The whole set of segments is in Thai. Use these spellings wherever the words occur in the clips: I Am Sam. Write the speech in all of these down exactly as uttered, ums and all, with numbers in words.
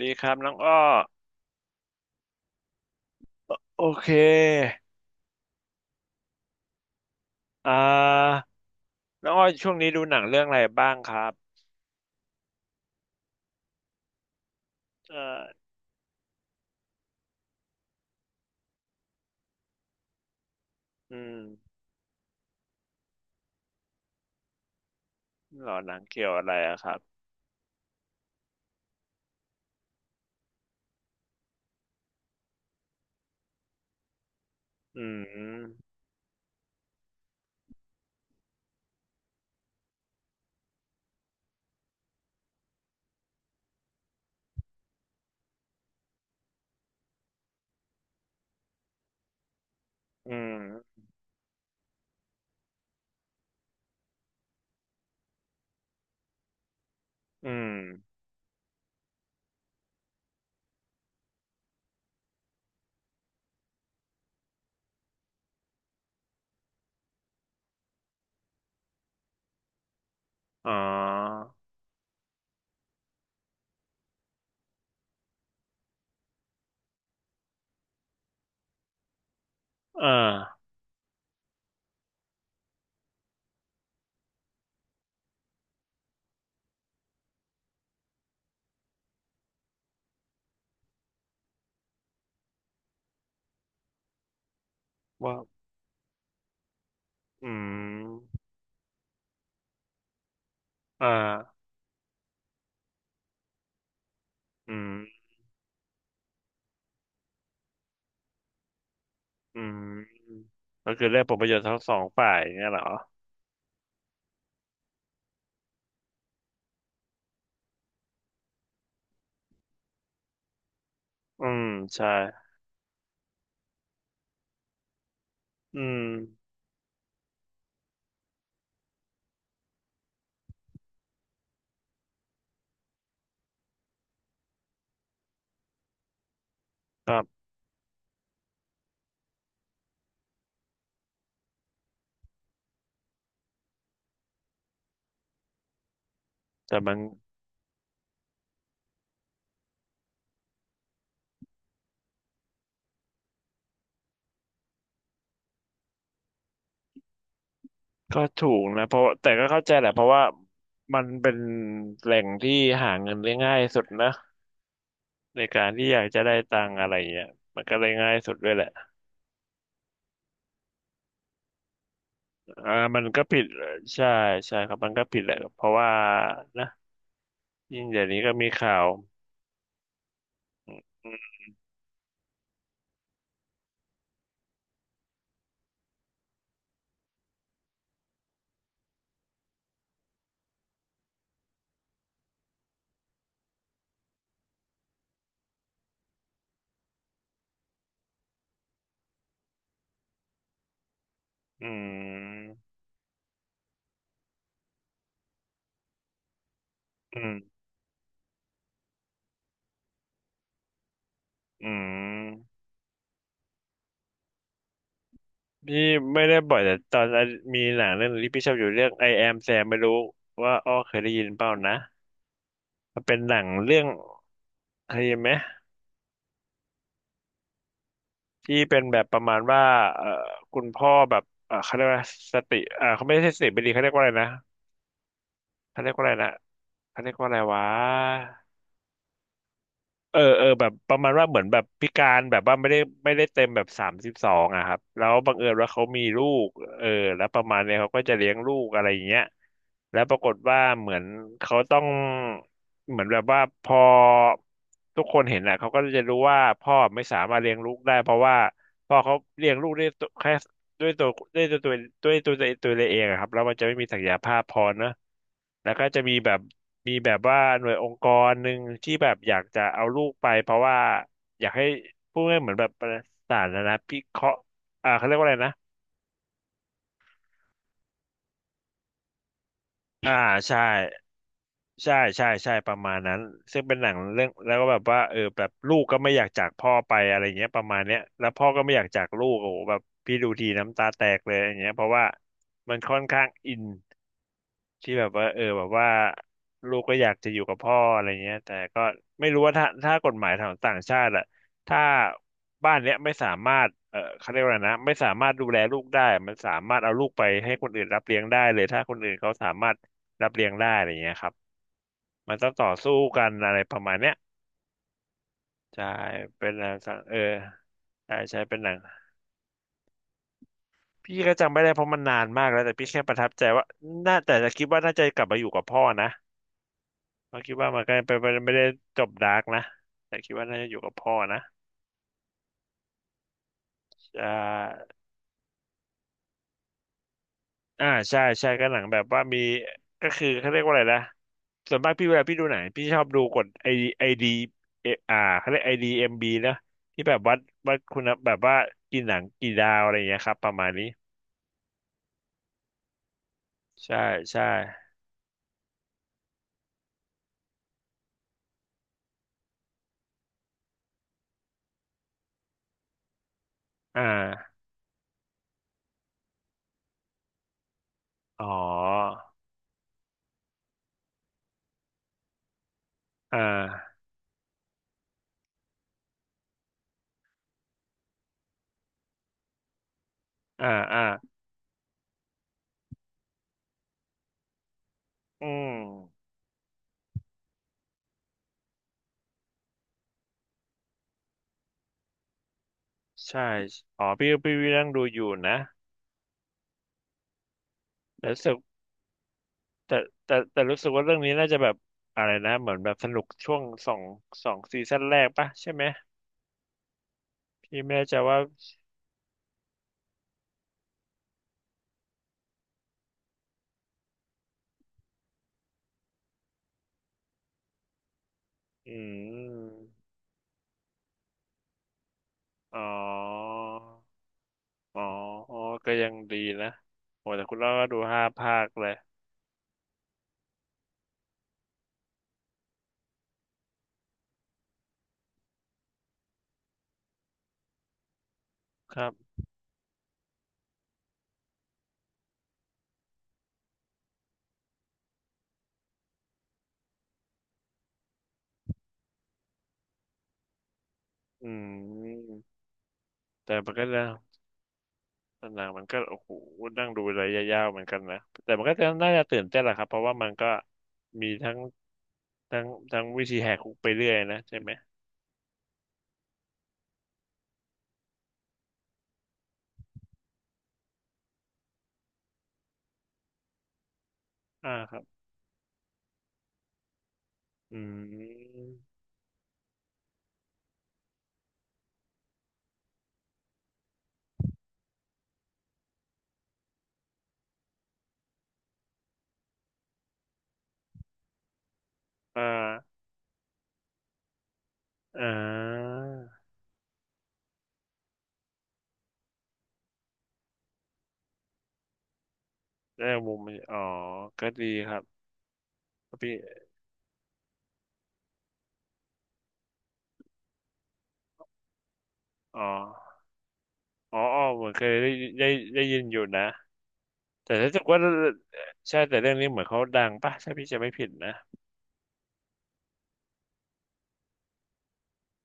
ดีครับน้องอ้อโอเคอ่าน้องอ้อช่วงนี้ดูหนังเรื่องอะไรบ้างครับเอออืมหรอหนังเกี่ยวอะไรอะครับอืมอืมอืมอ๋ออ่าว่าอืมอ่าอืมอืมก็คือเรื่องผลประโยชน์ทั้งสองฝ่ายเนี่ยเหรออืมใช่อืมครับแต่มัน ก็ถูกนะเพราะแต่ก็เข้าใจแหละเพราะว่ามันเป็นแหล่งที่หาเงินได้ง่ายสุดนะในการที่อยากจะได้ตังค์อะไรเงี้ยมันก็เลยง่ายสุดด้วยแหละอ่ามันก็ผิดใช่ใช่ครับมันก็ผิดแหละเพราะว่านะยิ่งเดี๋ยวนี้ก็มีข่าวอืมอืมอืมพี่ไม่ได้บ่อยแต่ตอนนั้นมีหนังเรื่องหนึงที่พี่ชอบอยู่เรื่อง I Am Sam ไม่รู้ว่าอ้อเคยได้ยินเปล่านะมันเป็นหนังเรื่องเคยได้ยินไหม ที่เป็นแบบประมาณว่าเอ่อคุณพ่อแบบเอ่อเขาเรียกว่าสติเอ่อเขาไม่ใช่สติไม่ดีเขาเรียกว่าอะไรนะเขาเรียกว่าอะไรนะเขาเรียกว่าอะไรวะเออเออแบบประมาณว่าเหมือนแบบพิการแบบว่าไม่ได้ไม่ได้เต็มแบบสามสิบสองอะครับแล้วบังเอิญว่าเขามีลูกเออแล้วประมาณเนี้ยเขาก็จะเลี้ยงลูกอะไรอย่างเงี้ยแล้วปรากฏว่าเหมือนเขาต้อง เหมือนแบบว่าพอทุกคนเห็นอะเขาก็จะรู้ว่าพ่อไม่สามารถเลี้ยงลูกได้เพราะว่าพ่อเขาเลี้ยงลูกได้แค่ ด้วยตัวด้วยตัวตัวด้วยตัวตัวตัวเองอะครับแล้วมันจะไม่มีศักยภาพพอเนอะแล้วก็จะมีแบบมีแบบว่าหน่วยองค์กรหนึ่งที่แบบอยากจะเอาลูกไปเพราะว่าอยากให้พูดง่ายๆเหมือนแบบประสาทนะนพิเคราะห์อ่าเขาเรียกว่าอะไรนะอ่าใช่ใช่ใช่ใช่ประมาณนั้นซึ่งเป็นหนังเรื่องแล้วก็แบบว่าเออแบบลูกก็ไม่อยากจากพ่อไปอะไรเงี้ยประมาณเนี้ยแล้วพ่อก็ไม่อยากจากลูกโอ้โหแบบพี่ดูทีน้ำตาแตกเลยอย่างเงี้ยเพราะว่ามันค่อนข้างอิน ที่แบบว่าเออแบบว่าลูกก็อยากจะอยู่กับพ่ออะไรเงี้ยแต่ก็ไม่รู้ว่าถ้าถ้ากฎหมายของต่างชาติอะถ้าบ้านเนี้ยไม่สามารถเออเขาเรียกว่าอะไรนะไม่สามารถดูแลลูกได้มันสามารถเอาลูกไปให้คนอื่นรับเลี้ยงได้เลยถ้าคนอื่นเขาสามารถรับเลี้ยงได้อะไรเงี้ยครับมันต้องต่อสู้กันอะไรประมาณเนี้ยใช่เป็นหนังสังเออใช่ใช่เป็นหนังพี่ก็จำไม่ได้เพราะมันนานมากแล้วแต่พี่แค่ประทับใจว่าน่าแต่จะคิดว่าน่าจะกลับมาอยู่กับพ่อนะ เราคิดว่ามันก็ไปไปไม่ได้จบดาร์กนะแต่คิดว่าน่าจะอยู่กับพ่อนะอ่าอ่าใช่ใช่ก็หนังแบบว่ามีก็คือเขาเรียกว่าอะไรนะส่วนมากพี่เวลาพี่ดูหนังพี่ชอบดูกฎไอไอดีเออ่าเขาเรียกไอดีเอ็มบีนะที่แบบวัดวัดคุณภาพแบบว่ากี่หนังกี่ดาวอะไรอย่างเงี้ยครับประมาณนี้ใช่ใช่อ่าอ๋ออ่าอ่าอ่าอืมใช่อ๋อพี่พี่นั่งดูอยู่นะแล้วรู้สึก แต่แต่แต่รู้สึกว่าเรื่องนี้น่าจะแบบอะไรนะเหมือนแบบสนุกช่วงสองสองซีซั่นแรกปะใช่ไหมพี่ไม่แน่ใจว่าอืมอ๋ออ๋ออ๋อก็ยังดีนะโอ้แต่คุณเล่าก็ดูห้าภาคเลยครับอืมแต่มันก็นะหนังมันก็โอ้โหนั่งดูระยะยาวเหมือนกันนะแต่มันก็จะน่าจะตื่นเต้นแหละครับเพราะว่ามันก็มีทั้งทั้งทั้งวิธีแหกคุกไปเรื่อยนะใช่ไหมอ่าครับอืมอ่า อ่าได้มุมมันอ๋อก็ดีครับพี่อ๋ออ๋ออ๋อเหมือนเคยได้ได้ได้ยินอยู่นะแต่รู้สึกว่าใช่แต่เรื่องนี้เหมือนเขาดังป่ะถ้าพี่จะไม่ผิดนะ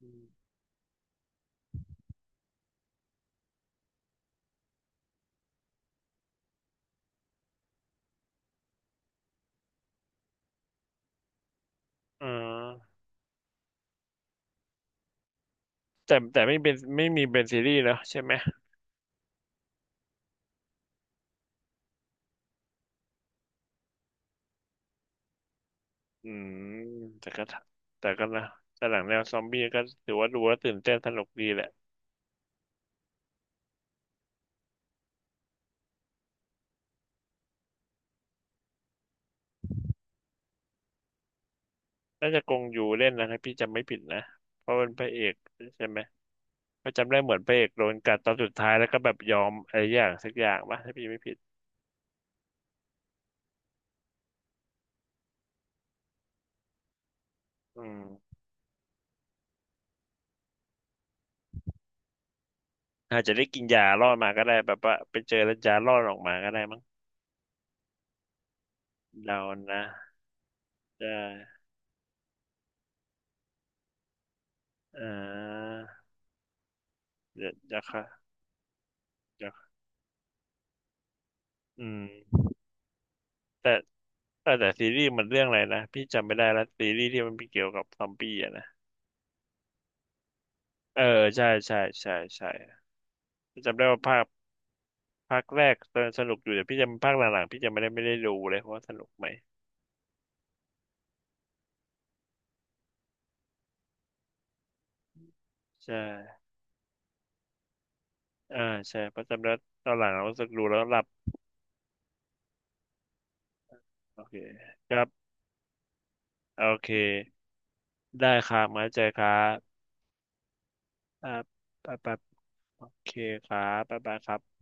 อืมอ๋อแต่แต่ไม่เป็นไม่มีเป็นซีรีส์แล้วใช่ไหมอืมแต่ก็แต่ก็นะแต่หลังแนวซอมบี้ก็ถือว่าดูแล้วตื่นเต้นสนุกดีแหละน่าจะกงอยู่เล่นนะถ้าพี่จำไม่ผิดนะเพราะเป็นพระเอกใช่ไหม ก็จำได้เหมือนพระเอกโดนกัดตอนสุดท้ายแล้วก็แบบยอมอะไรอย่างสักอย่างปะถ้าพี่ไม่ผิดอืมอาจจะได้กินยารอดมาก็ได้แบบว่าไปเจอแล้วยารอดออกมาก็ได้มั้งเรานะได้อ่าเดี๋ยวจะค่ะเดี๋ยวอืมแต่แต่แต่ซีรีส์มันเรื่องอะไรนะพี่จำไม่ได้แล้วซีรีส์ที่มันเกี่ยวกับซอมบี้อะนะเออใช่ใช่ใช่ใช่จำได้ว่าภาคภาคแรกตอนสนุกอยู่แต่พี่จำภาคหลังๆพี่จำไม่ได้ไม่ได้ดูเลยเพราะว่าสนุกไหมใช่ อ่าใช่ประจำแล้วตอนหลังเรารู้สึกดูแล้วหลับโอเคครับโอเคได้ครับมาเจอครับอ่าไปไปโอเคครับบ๊ายบายครับ